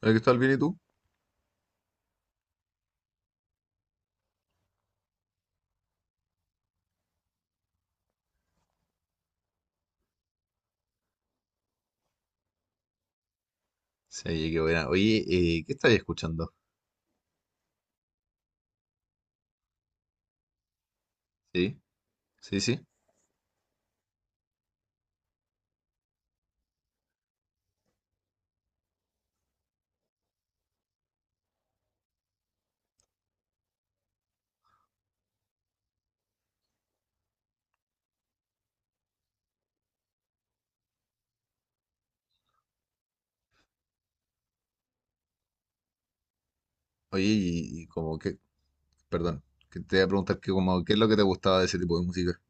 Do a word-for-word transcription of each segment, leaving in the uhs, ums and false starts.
Hola, Cristóbal, ¿bien y tú? Sí, oye, qué buena. Oye, eh, ¿qué estáis escuchando? Sí, sí, sí. Oye, y, y como que, perdón, que te voy a preguntar que como, ¿qué es lo que te gustaba de ese tipo de música?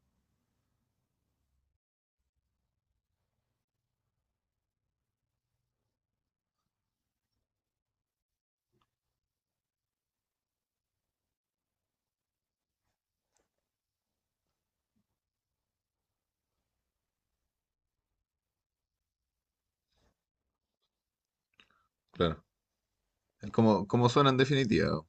Claro. cómo ¿cómo suena en definitiva?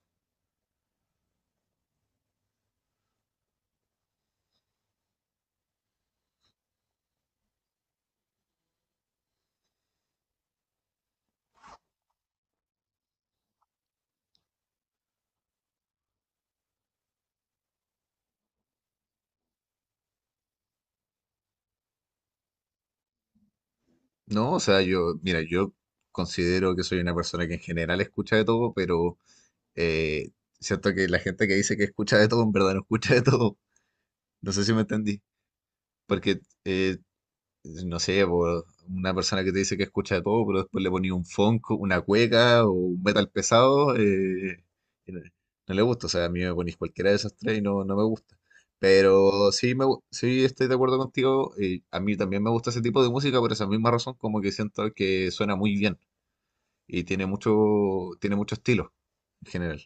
No, o sea, yo, mira, yo considero que soy una persona que en general escucha de todo, pero eh, siento que la gente que dice que escucha de todo, en verdad no escucha de todo. No sé si me entendí. Porque eh, no sé, po, una persona que te dice que escucha de todo, pero después le ponía un funk, una cueca o un metal pesado, eh, y no, no le gusta. O sea, a mí me ponís cualquiera de esas tres y no, no me gusta. Pero sí, me, gu- sí estoy de acuerdo contigo. Y a mí también me gusta ese tipo de música por esa misma razón, como que siento que suena muy bien y tiene mucho, tiene mucho estilo en general.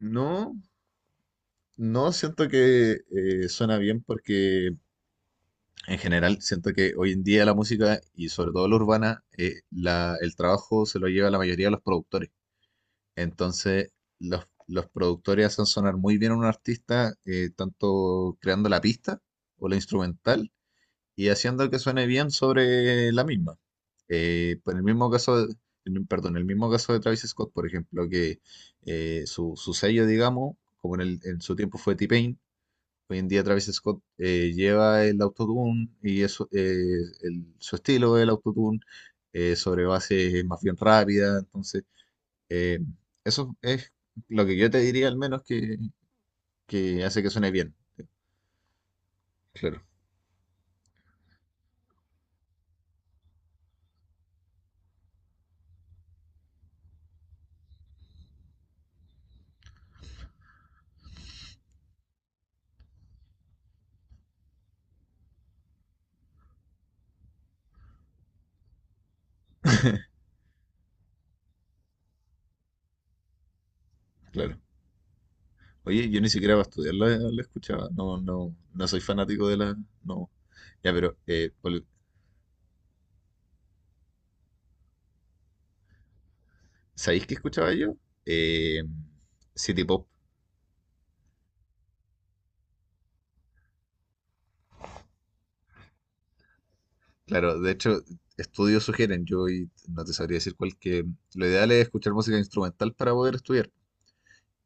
No, no siento que eh, suena bien porque en general, siento que hoy en día la música y sobre todo la urbana, eh, la- el trabajo se lo lleva la mayoría de los productores. Entonces, los, los productores hacen sonar muy bien a un artista, eh, tanto creando la pista o la instrumental y haciendo que suene bien sobre la misma. Eh, por el mismo caso, de- en- perdón, el mismo caso de Travis Scott, por ejemplo, que eh, su, su sello, digamos, como en, el- en su tiempo fue T-Pain. Hoy en día Travis Scott eh, lleva el autotune y eso, eh, el- su estilo del autotune eh, sobre bases más bien rápidas. Entonces, eh, eso es lo que yo te diría al menos que, que hace que suene bien. Claro, claro. Oye, yo ni siquiera para estudiar la, la escuchaba. No, no, no soy fanático de la. No. Ya, pero eh, por- ¿sabéis qué escuchaba yo? Eh, City Pop. Claro, de hecho, estudios sugieren, yo y no te sabría decir cuál, que lo ideal es escuchar música instrumental para poder estudiar.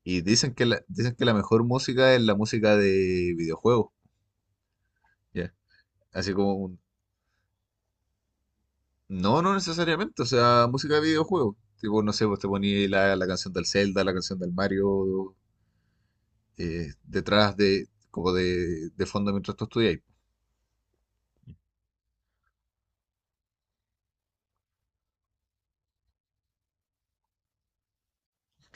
Y dicen que la, dicen que la mejor música es la música de videojuegos, ¿ya? Así como, un... No, no necesariamente, o sea, música de videojuegos. Tipo, no sé, vos te ponías la, la canción del Zelda, la canción del Mario, eh, detrás de, como de, de fondo mientras tú estudias.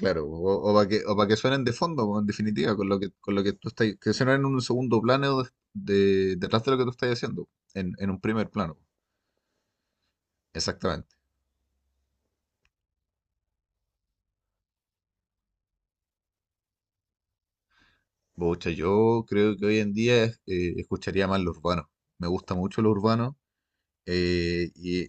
Claro, o, para que, o pa' que suenen de fondo, po, en definitiva, con lo que, con lo que tú estás, que suenen en un segundo plano de- de- detrás de lo que tú estás haciendo, en, en un primer plano, exactamente. Pucha, yo creo que hoy en día eh, escucharía más lo urbano. Me gusta mucho lo urbano, eh, y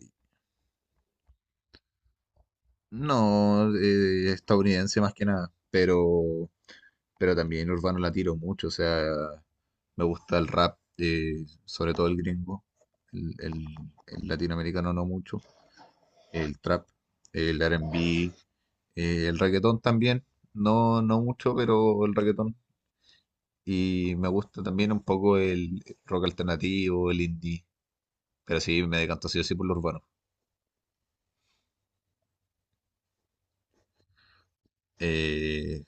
no eh, estadounidense más que nada, pero, pero también urbano la tiro mucho, o sea, me gusta el rap, eh, sobre todo el gringo, el el- el latinoamericano no mucho. El trap, el R and B, eh, el reggaetón también, no, no mucho, pero el reggaetón. Y me gusta también un poco el rock alternativo, el indie, pero sí, me decanto así o sí por lo urbano. Eh,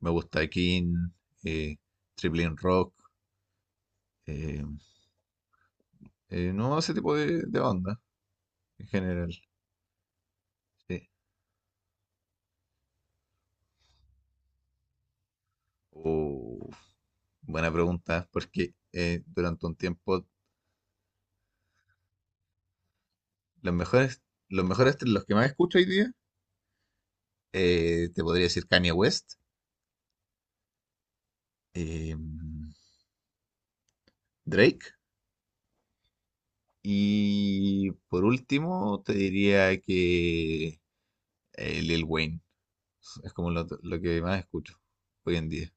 Me gusta King, eh, Triple M Rock, eh, eh, no ese tipo de, de banda en general. Sí. Oh, buena pregunta, porque eh, durante un tiempo los mejores, los mejores, los que más escucho hoy día, eh, te podría decir Kanye West, eh, Drake. Y por último, te diría que eh, Lil Wayne. Es como lo, lo que más escucho hoy en día.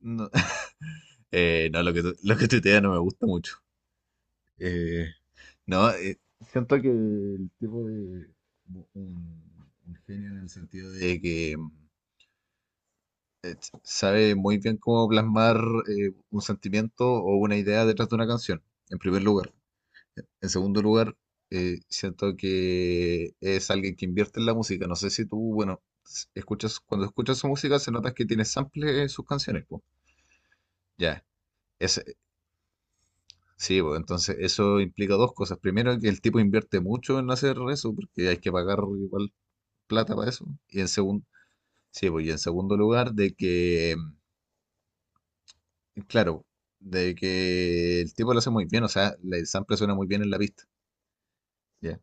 No, eh, no, lo que, tu- lo que tuitea no me gusta mucho. Eh, no, eh, Siento que el tipo de un, un genio en el sentido de que mm, sabe muy bien cómo plasmar eh, un sentimiento o una idea detrás de una canción, en primer lugar. En segundo lugar, eh, siento que es alguien que invierte en la música. No sé si tú, bueno, s- escuchas, cuando escuchas su música se nota que tiene sample en sus canciones, pues. Ya, ese, sí, pues, entonces eso implica dos cosas. Primero, que el tipo invierte mucho en hacer eso, porque hay que pagar igual plata para eso. Y en segundo, sí, pues, y en segundo lugar, de que, claro, de que el tipo lo hace muy bien, o sea, la- el sample suena muy bien en la pista. Ya.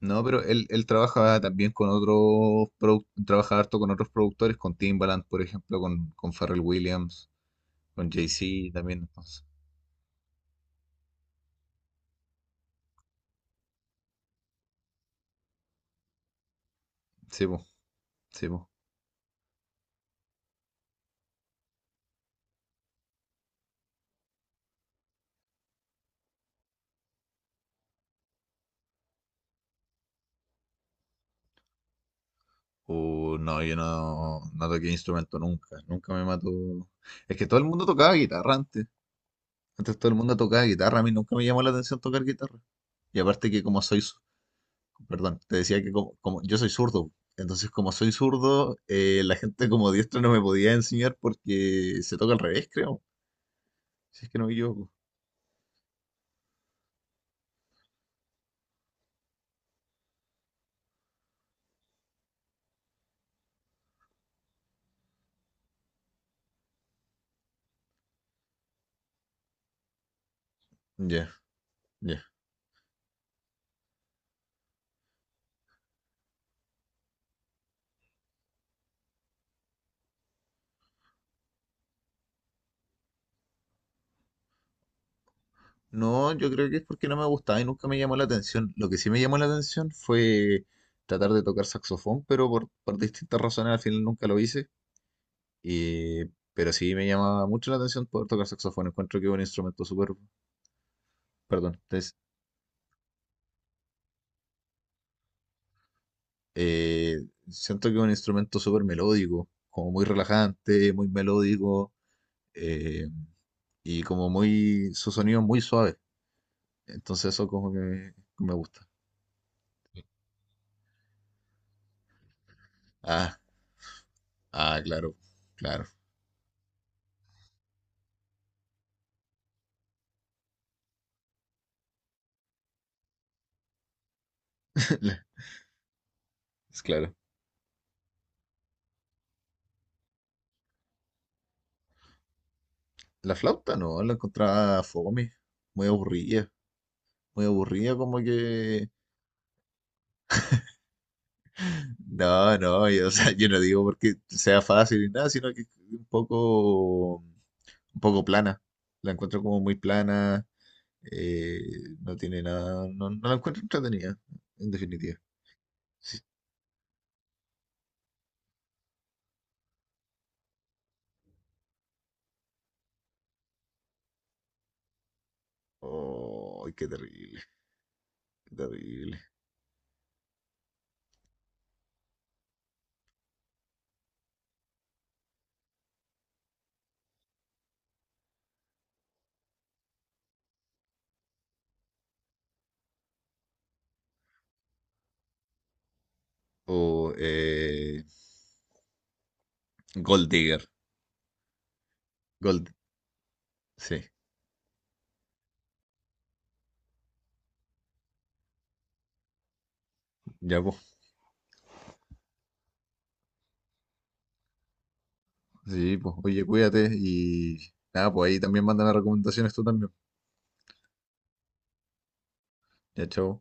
No, pero él, él trabaja también con otros, produ- trabaja harto con otros productores, con Timbaland, por ejemplo, con, con Pharrell Williams, con Jay-Z también, entonces. Sí, po, sí, po. Uh, no, yo no, no toqué instrumento nunca, nunca me mató. Es que todo el mundo tocaba guitarra antes, antes todo el mundo tocaba guitarra, a mí nunca me llamó la atención tocar guitarra. Y aparte que como soy, zu- perdón, te decía que como, como yo soy zurdo, entonces como soy zurdo, eh, la gente como diestra no me podía enseñar porque se toca al revés, creo. Si es que no me equivoco. Ya, ya. No, yo creo que es porque no me gustaba y nunca me llamó la atención. Lo que sí me llamó la atención fue tratar de tocar saxofón, pero por, por distintas razones al final nunca lo hice. Y- pero sí me llamaba mucho la atención poder tocar saxofón. Encuentro que es un instrumento súper, perdón, es, eh, siento que es un instrumento súper melódico, como muy relajante, muy melódico, eh, y como muy, su sonido es muy suave. Entonces eso como que me gusta. Ah, ah, claro, claro. La... Es claro. La flauta no, la encontraba fome, muy aburrida, muy aburrida como que... No, no, yo, o sea, yo no digo porque sea fácil ni nada, sino que un poco, un poco plana. La encuentro como muy plana, eh, no tiene nada, no, no la encuentro entretenida, en definitiva. Sí. Oh, qué terrible, qué terrible. O eh, Gold Digger, Gold, sí, ya vos. Sí, pues, oye, cuídate y nada, pues ahí también mándame recomendaciones tú también. Ya, chao.